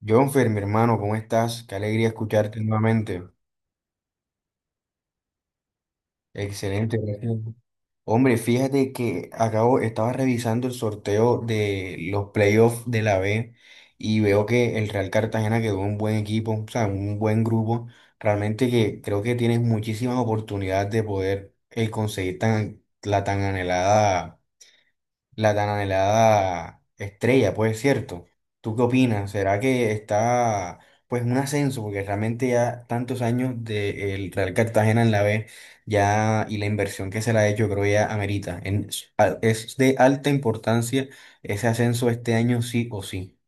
Jonfer, mi hermano, ¿cómo estás? Qué alegría escucharte nuevamente. Excelente, gracias. Hombre, fíjate que acabo, estaba revisando el sorteo de los playoffs de la B y veo que el Real Cartagena quedó un buen equipo, o sea, un buen grupo. Realmente que creo que tienes muchísimas oportunidades de poder conseguir la tan anhelada. La tan anhelada estrella, pues cierto. ¿Tú qué opinas? ¿Será que está pues un ascenso? Porque realmente ya tantos años del Real Cartagena en la B ya y la inversión que se le ha hecho creo ya amerita. Es de alta importancia ese ascenso este año sí o sí.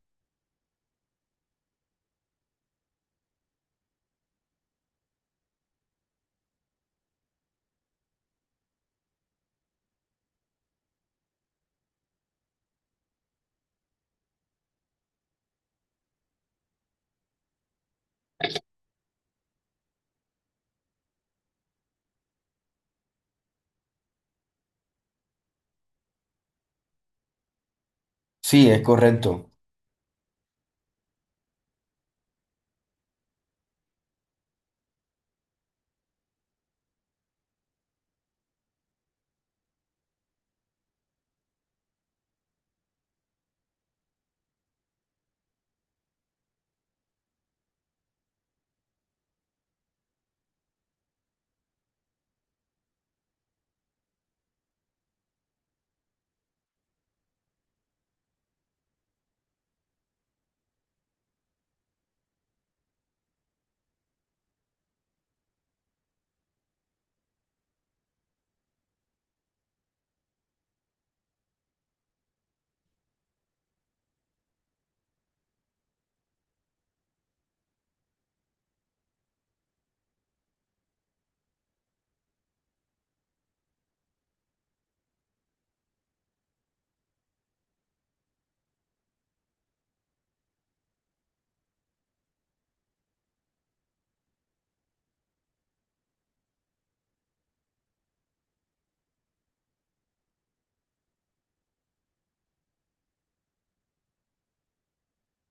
Sí, es correcto.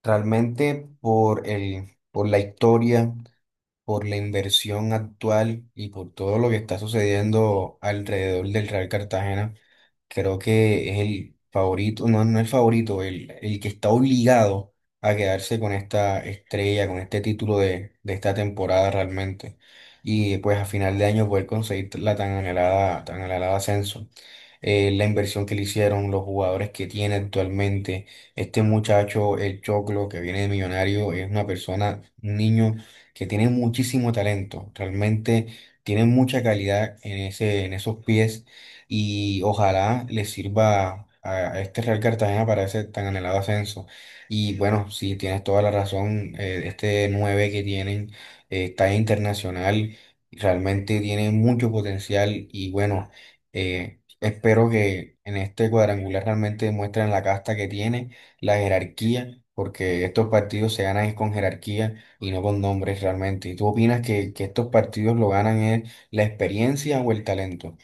Realmente por la historia, por la inversión actual y por todo lo que está sucediendo alrededor del Real Cartagena, creo que es el favorito, no el favorito, el que está obligado a quedarse con esta estrella, con este título de esta temporada realmente. Y pues a final de año poder conseguir tan anhelada ascenso. La inversión que le hicieron, los jugadores que tiene actualmente. Este muchacho, el Choclo, que viene de Millonario, es una persona, un niño que tiene muchísimo talento, realmente tiene mucha calidad en en esos pies y ojalá le sirva a este Real Cartagena para ese tan anhelado ascenso. Y bueno, sí, tienes toda la razón, este 9 que tienen está internacional, realmente tiene mucho potencial y bueno, espero que en este cuadrangular realmente demuestren la casta que tiene, la jerarquía, porque estos partidos se ganan con jerarquía y no con nombres realmente. ¿Y tú opinas que estos partidos lo ganan es la experiencia o el talento?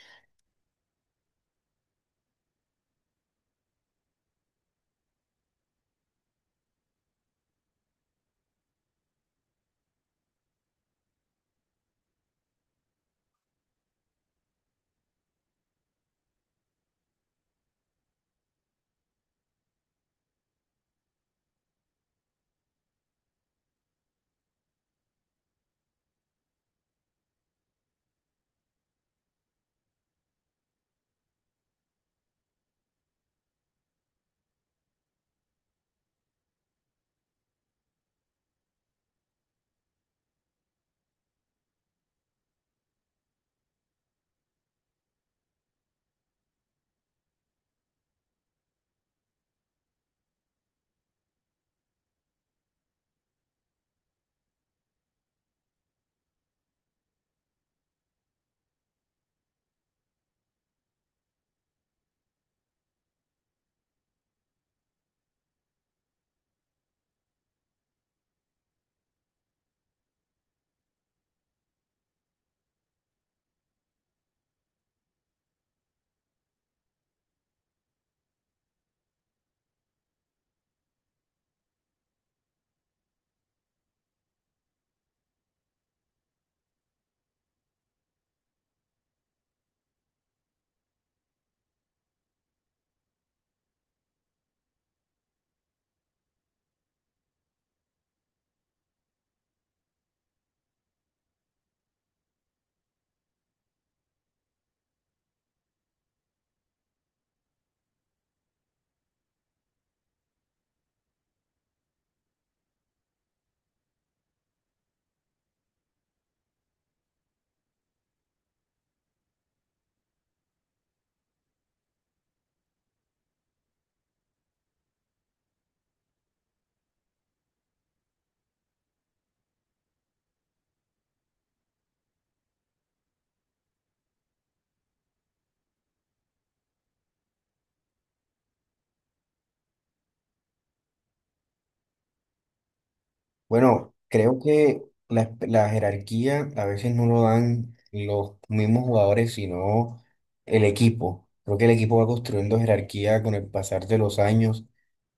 Bueno, creo que la jerarquía a veces no lo dan los mismos jugadores, sino el equipo. Creo que el equipo va construyendo jerarquía con el pasar de los años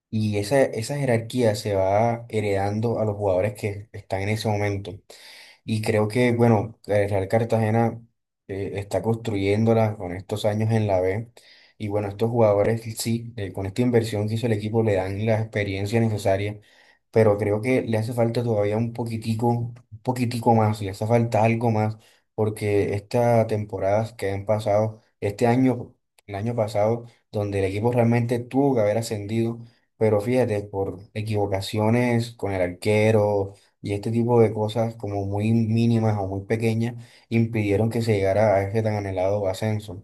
y esa jerarquía se va heredando a los jugadores que están en ese momento. Y creo que, bueno, el Real Cartagena está construyéndola con estos años en la B. Y bueno, estos jugadores, sí, con esta inversión que hizo el equipo le dan la experiencia necesaria, pero creo que le hace falta todavía un poquitico más, le hace falta algo más, porque estas temporadas que han pasado, este año, el año pasado, donde el equipo realmente tuvo que haber ascendido, pero fíjate, por equivocaciones con el arquero y este tipo de cosas como muy mínimas o muy pequeñas impidieron que se llegara a ese tan anhelado ascenso.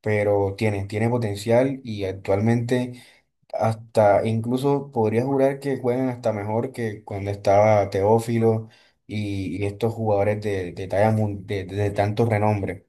Pero tiene, tiene potencial y actualmente hasta incluso podría jurar que juegan hasta mejor que cuando estaba Teófilo y estos jugadores talla de tanto renombre.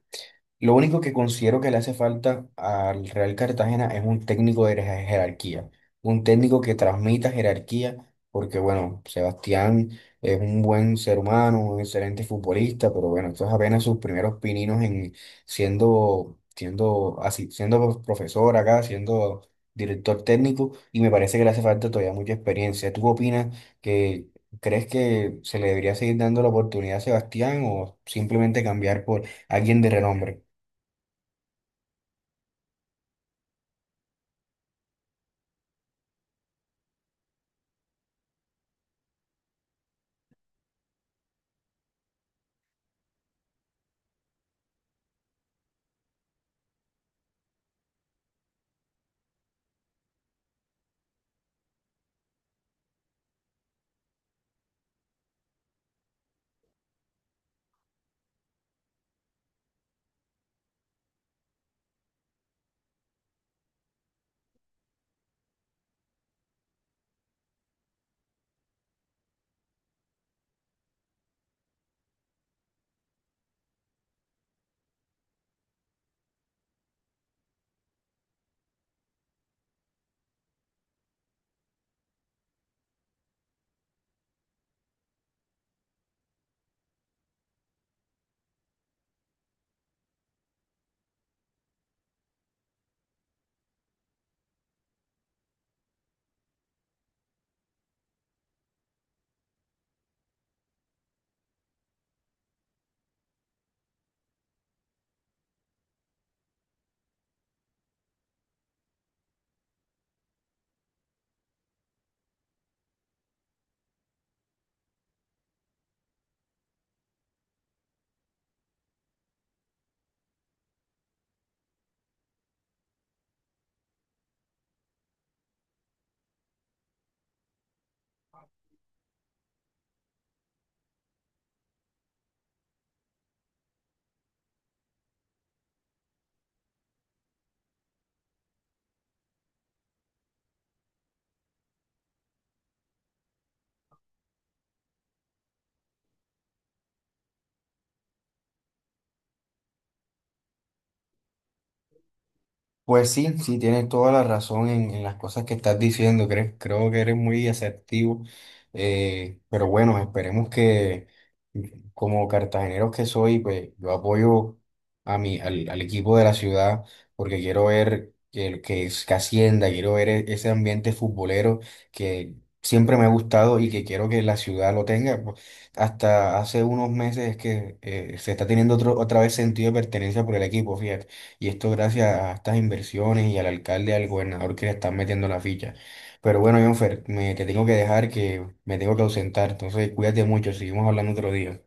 Lo único que considero que le hace falta al Real Cartagena es un técnico de jerarquía, un técnico que transmita jerarquía, porque bueno, Sebastián es un buen ser humano, un excelente futbolista, pero bueno, esto es apenas sus primeros pininos en siendo, siendo así, siendo profesor acá, siendo director técnico, y me parece que le hace falta todavía mucha experiencia. ¿Tú opinas que crees que se le debería seguir dando la oportunidad a Sebastián o simplemente cambiar por alguien de renombre? Pues sí, sí, tienes toda la razón en las cosas que estás diciendo. Creo, creo que eres muy asertivo. Eh, pero bueno, esperemos que, como cartagenero que soy, pues yo apoyo al equipo de la ciudad porque quiero ver que ascienda, quiero ver ese ambiente futbolero que siempre me ha gustado y que quiero que la ciudad lo tenga. Pues, hasta hace unos meses es que se está teniendo otra vez sentido de pertenencia por el equipo, fíjate. Y esto gracias a estas inversiones y al alcalde y al gobernador que le están metiendo la ficha. Pero bueno, Jonfer, me te tengo que dejar que me tengo que ausentar. Entonces, cuídate mucho, seguimos hablando otro día.